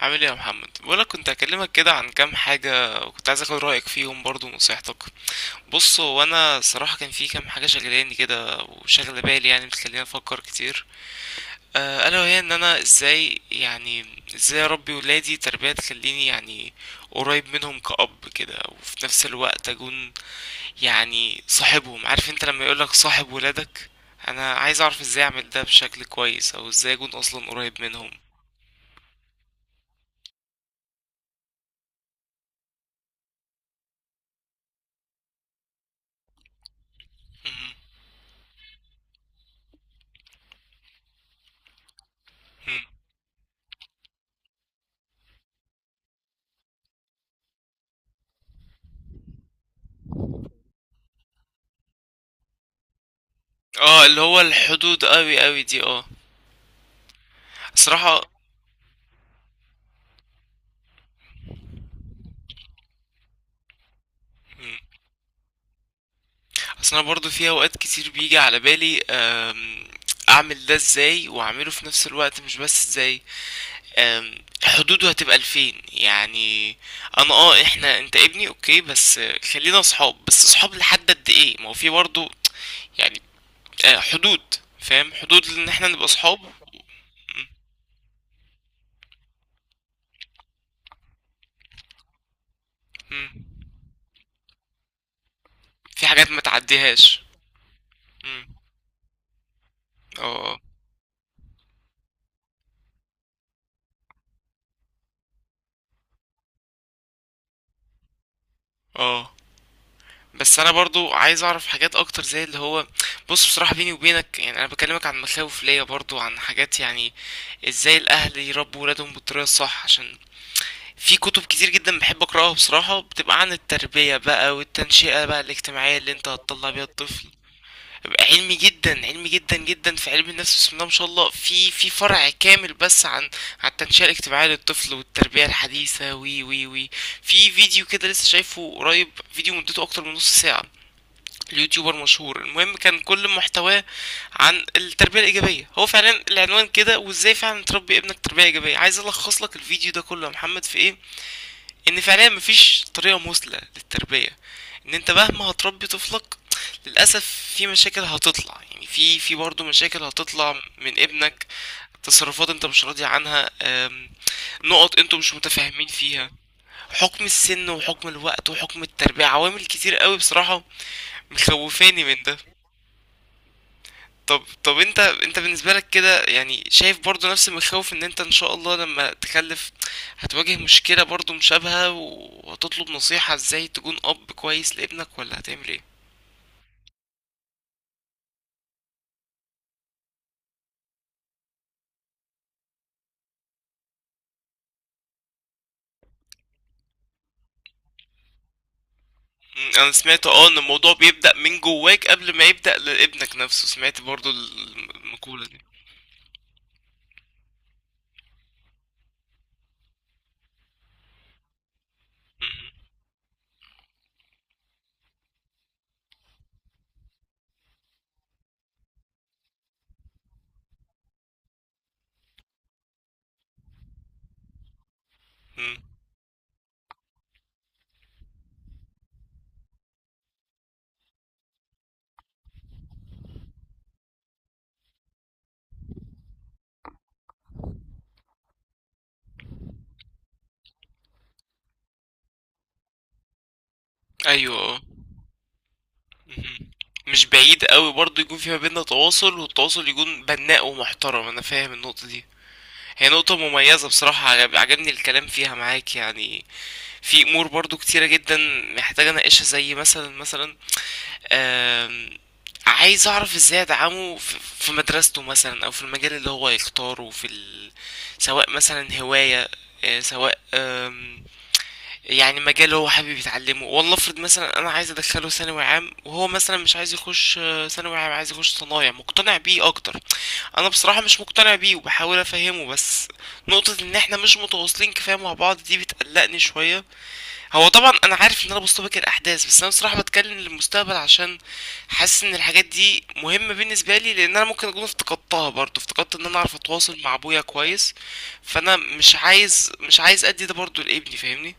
عامل ايه يا محمد؟ بقولك كنت هكلمك كده عن كام حاجة، وكنت عايز اخد رأيك فيهم برضو ونصيحتك. بص، هو انا صراحة كان في كام حاجة شغلاني كده وشغلة بالي، يعني بتخليني افكر كتير. الا وهي ان انا ازاي يعني، ازاي اربي ولادي تربية تخليني يعني قريب منهم كأب كده، وفي نفس الوقت اكون يعني صاحبهم. عارف انت لما يقولك صاحب ولادك، انا عايز اعرف ازاي اعمل ده بشكل كويس، او ازاي اكون اصلا قريب منهم. مهم. اه، اللي هو الحدود قوي قوي دي، اه. صراحة. مم. اصل انا برضو في اوقات كتير بيجي على بالي، اعمل ده ازاي واعمله في نفس الوقت، مش بس ازاي، أم، حدوده هتبقى لفين يعني. انا اه احنا، انت ابني اوكي، بس خلينا اصحاب، بس اصحاب لحد قد ايه؟ ما هو في برضو يعني حدود. فاهم، حدود ان احنا نبقى اصحاب. مم. مم. في حاجات ما تعديهاش. مم. اه اه. بس انا برضو عايز اعرف حاجات اكتر، زي اللي هو، بص بصراحة بيني وبينك، يعني انا بكلمك عن مخاوف ليا برضو، عن حاجات يعني ازاي الاهل يربوا ولادهم بالطريقة الصح، عشان في كتب كتير جدا بحب اقراها بصراحة، بتبقى عن التربية بقى والتنشئة بقى الاجتماعية اللي انت هتطلع بيها الطفل. بيبقى علمي جدا، علمي جدا جدا، في علم النفس بسم الله ما شاء الله، في فرع كامل بس عن عن التنشئة الاجتماعية للطفل والتربية الحديثة، وي وي وي. في فيديو كده لسه شايفه قريب، فيديو مدته اكتر من نص ساعة، اليوتيوبر مشهور. المهم كان كل محتواه عن التربية الإيجابية، هو فعلا العنوان كده، وازاي فعلا تربي ابنك تربية إيجابية. عايز ألخص لك الفيديو ده كله يا محمد في إيه؟ إن فعليا مفيش طريقة مثلى للتربية، إن أنت مهما هتربي طفلك، للأسف في مشاكل هتطلع، يعني في في برضه مشاكل هتطلع من ابنك، تصرفات انت مش راضي عنها، نقط انتوا مش متفاهمين فيها. حكم السن وحكم الوقت وحكم التربية، عوامل كتير قوي بصراحة مخوفاني من ده. طب طب انت، انت بالنسبة لك كده يعني شايف برضو نفس المخاوف؟ ان انت ان شاء الله لما تخلف هتواجه مشكلة برضو مشابهة، وهتطلب نصيحة ازاي تكون اب كويس لابنك، ولا هتعمل ايه؟ مم، انا سمعت اه ان الموضوع بيبدأ من جواك قبل ما يبدأ لابنك نفسه، سمعت برضو المقولة دي. مم. ايوه. مهم. مش بعيد قوي برضو يكون في ما بيننا تواصل، والتواصل يكون بناء ومحترم، انا فاهم النقطة دي. هي نقطة مميزة بصراحة، عجبني الكلام فيها معاك يعني. في امور برضو كتيرة جدا محتاجة اناقشها، زي مثلا مثلا، آم، عايز اعرف ازاي ادعمه في في مدرسته مثلا، او في المجال اللي هو يختاره في ال... سواء مثلا هواية، سواء يعني مجال هو حابب يتعلمه. والله افرض مثلا انا عايز ادخله ثانوي عام، وهو مثلا مش عايز يخش ثانوي عام، عايز يخش صنايع، مقتنع بيه اكتر. انا بصراحة مش مقتنع بيه وبحاول افهمه، بس نقطة ان احنا مش متواصلين كفاية مع بعض دي بتقلقني شوية. هو طبعا انا عارف ان انا بستبق الاحداث، بس انا بصراحة بتكلم للمستقبل، عشان حاسس ان الحاجات دي مهمة بالنسبة لي، لان انا ممكن اكون افتقدتها برضه، افتقدت ان انا اعرف اتواصل مع ابويا كويس. فانا مش عايز ادي ده برضه لابني فاهمني.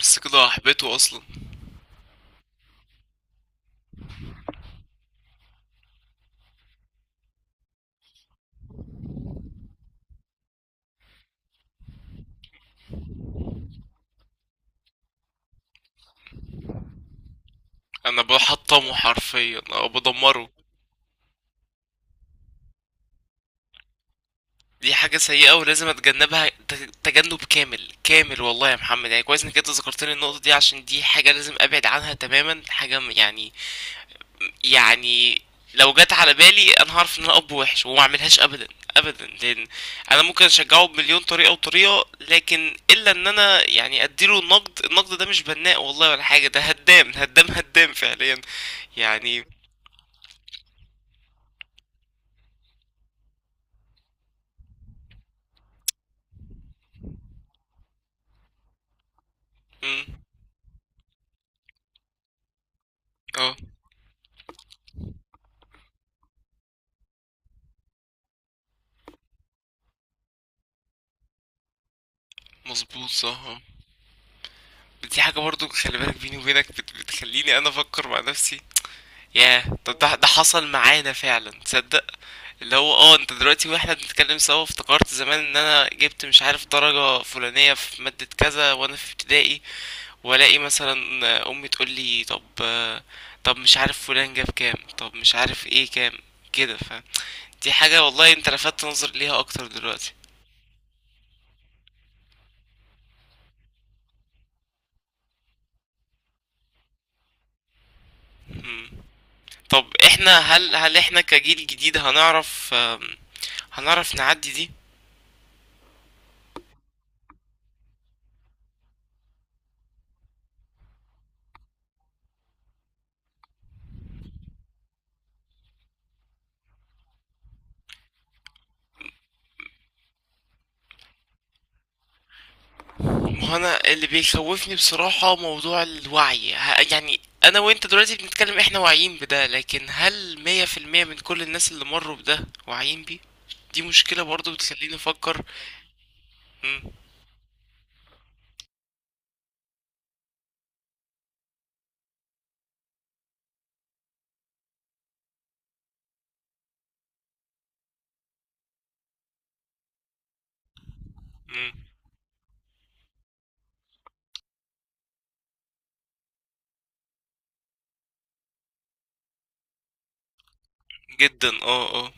بس كده هحبطه اصلا. انا بحطمه حرفيا او بدمره. دي حاجة سيئة ولازم اتجنبها، تجنب كامل كامل. والله يا محمد، يعني كويس انك انت ذكرتني النقطة دي، عشان دي حاجة لازم ابعد عنها تماما، حاجة يعني. يعني لو جت على بالي، انا هعرف ان انا اب وحش، وما اعملهاش ابدا. ابدا، لان انا ممكن اشجعه بمليون طريقة وطريقة، لكن الا ان انا يعني اديله النقد. النقد ده مش بناء والله ولا حاجة، ده هدام هدام هدام فعليا يعني. امم. اه مظبوط صح. دي حاجة برضو خلي بالك بيني وبينك، بتخليني انا افكر مع نفسي. ياه، طب ده حصل معانا فعلا، تصدق؟ اللي هو اه انت دلوقتي واحنا بنتكلم سوا، افتكرت زمان ان انا جبت مش عارف درجة فلانية في مادة كذا وانا في ابتدائي، والاقي مثلا امي تقول لي، طب طب مش عارف فلان جاب كام، طب مش عارف ايه كام، كده. فدي حاجة والله انت لفتت نظري ليها اكتر دلوقتي. مم. طب احنا، هل احنا كجيل جديد هنعرف، هنعرف نعدي دي؟ ما هو انا اللي بيخوفني بصراحة موضوع الوعي، يعني انا وانت دلوقتي بنتكلم احنا واعيين بده، لكن هل 100% من كل الناس اللي مروا بده واعيين بيه؟ دي مشكلة برضو بتخليني افكر. مم. مم. جدا، اه اه.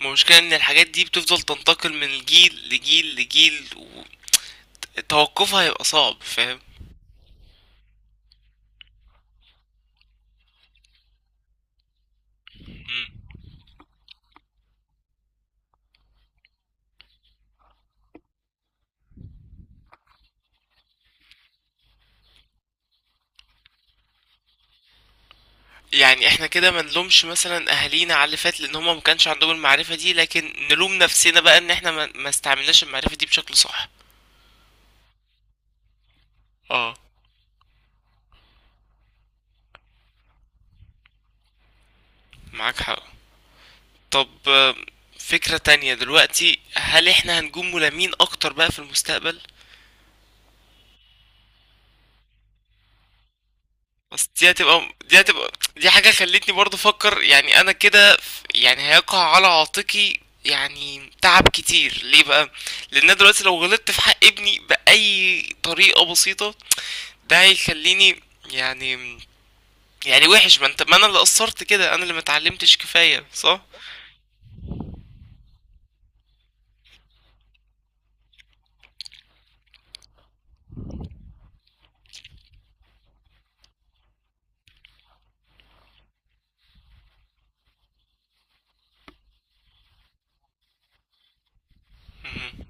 ما المشكلة ان الحاجات دي بتفضل تنتقل من جيل لجيل لجيل، وتوقفها هيبقى صعب فاهم. يعني احنا كده ما نلومش مثلا اهالينا على اللي فات، لان هما ما كانش عندهم المعرفة دي، لكن نلوم نفسنا بقى ان احنا ما استعملناش المعرفة دي بشكل صح. اه معاك حق. طب فكرة تانية دلوقتي، هل احنا هنكون ملامين اكتر بقى في المستقبل؟ بس دي هتبقى، دي حاجة خلتني برضو افكر يعني، انا كده يعني هيقع على عاتقي يعني تعب كتير ليه بقى، لان أنا دلوقتي لو غلطت في حق ابني باي طريقة بسيطة، ده هيخليني يعني يعني وحش. ما انت، ما انا اللي قصرت كده، انا اللي ما اتعلمتش كفاية، صح. مهم.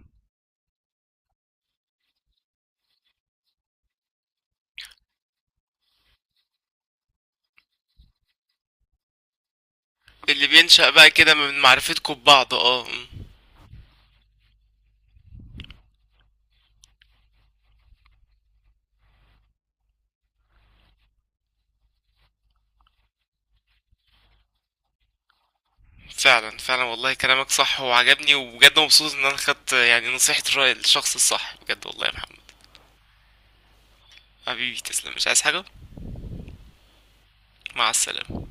اللي بينشأ بقى كده من معرفتكم ببعض، اه. مم. فعلا فعلا والله كلامك صح وعجبني، وبجد مبسوط ان انا خدت يعني نصيحة، الراي الشخص الصح بجد والله يا محمد. حبيبي تسلم، مش عايز حاجة. مع السلامة.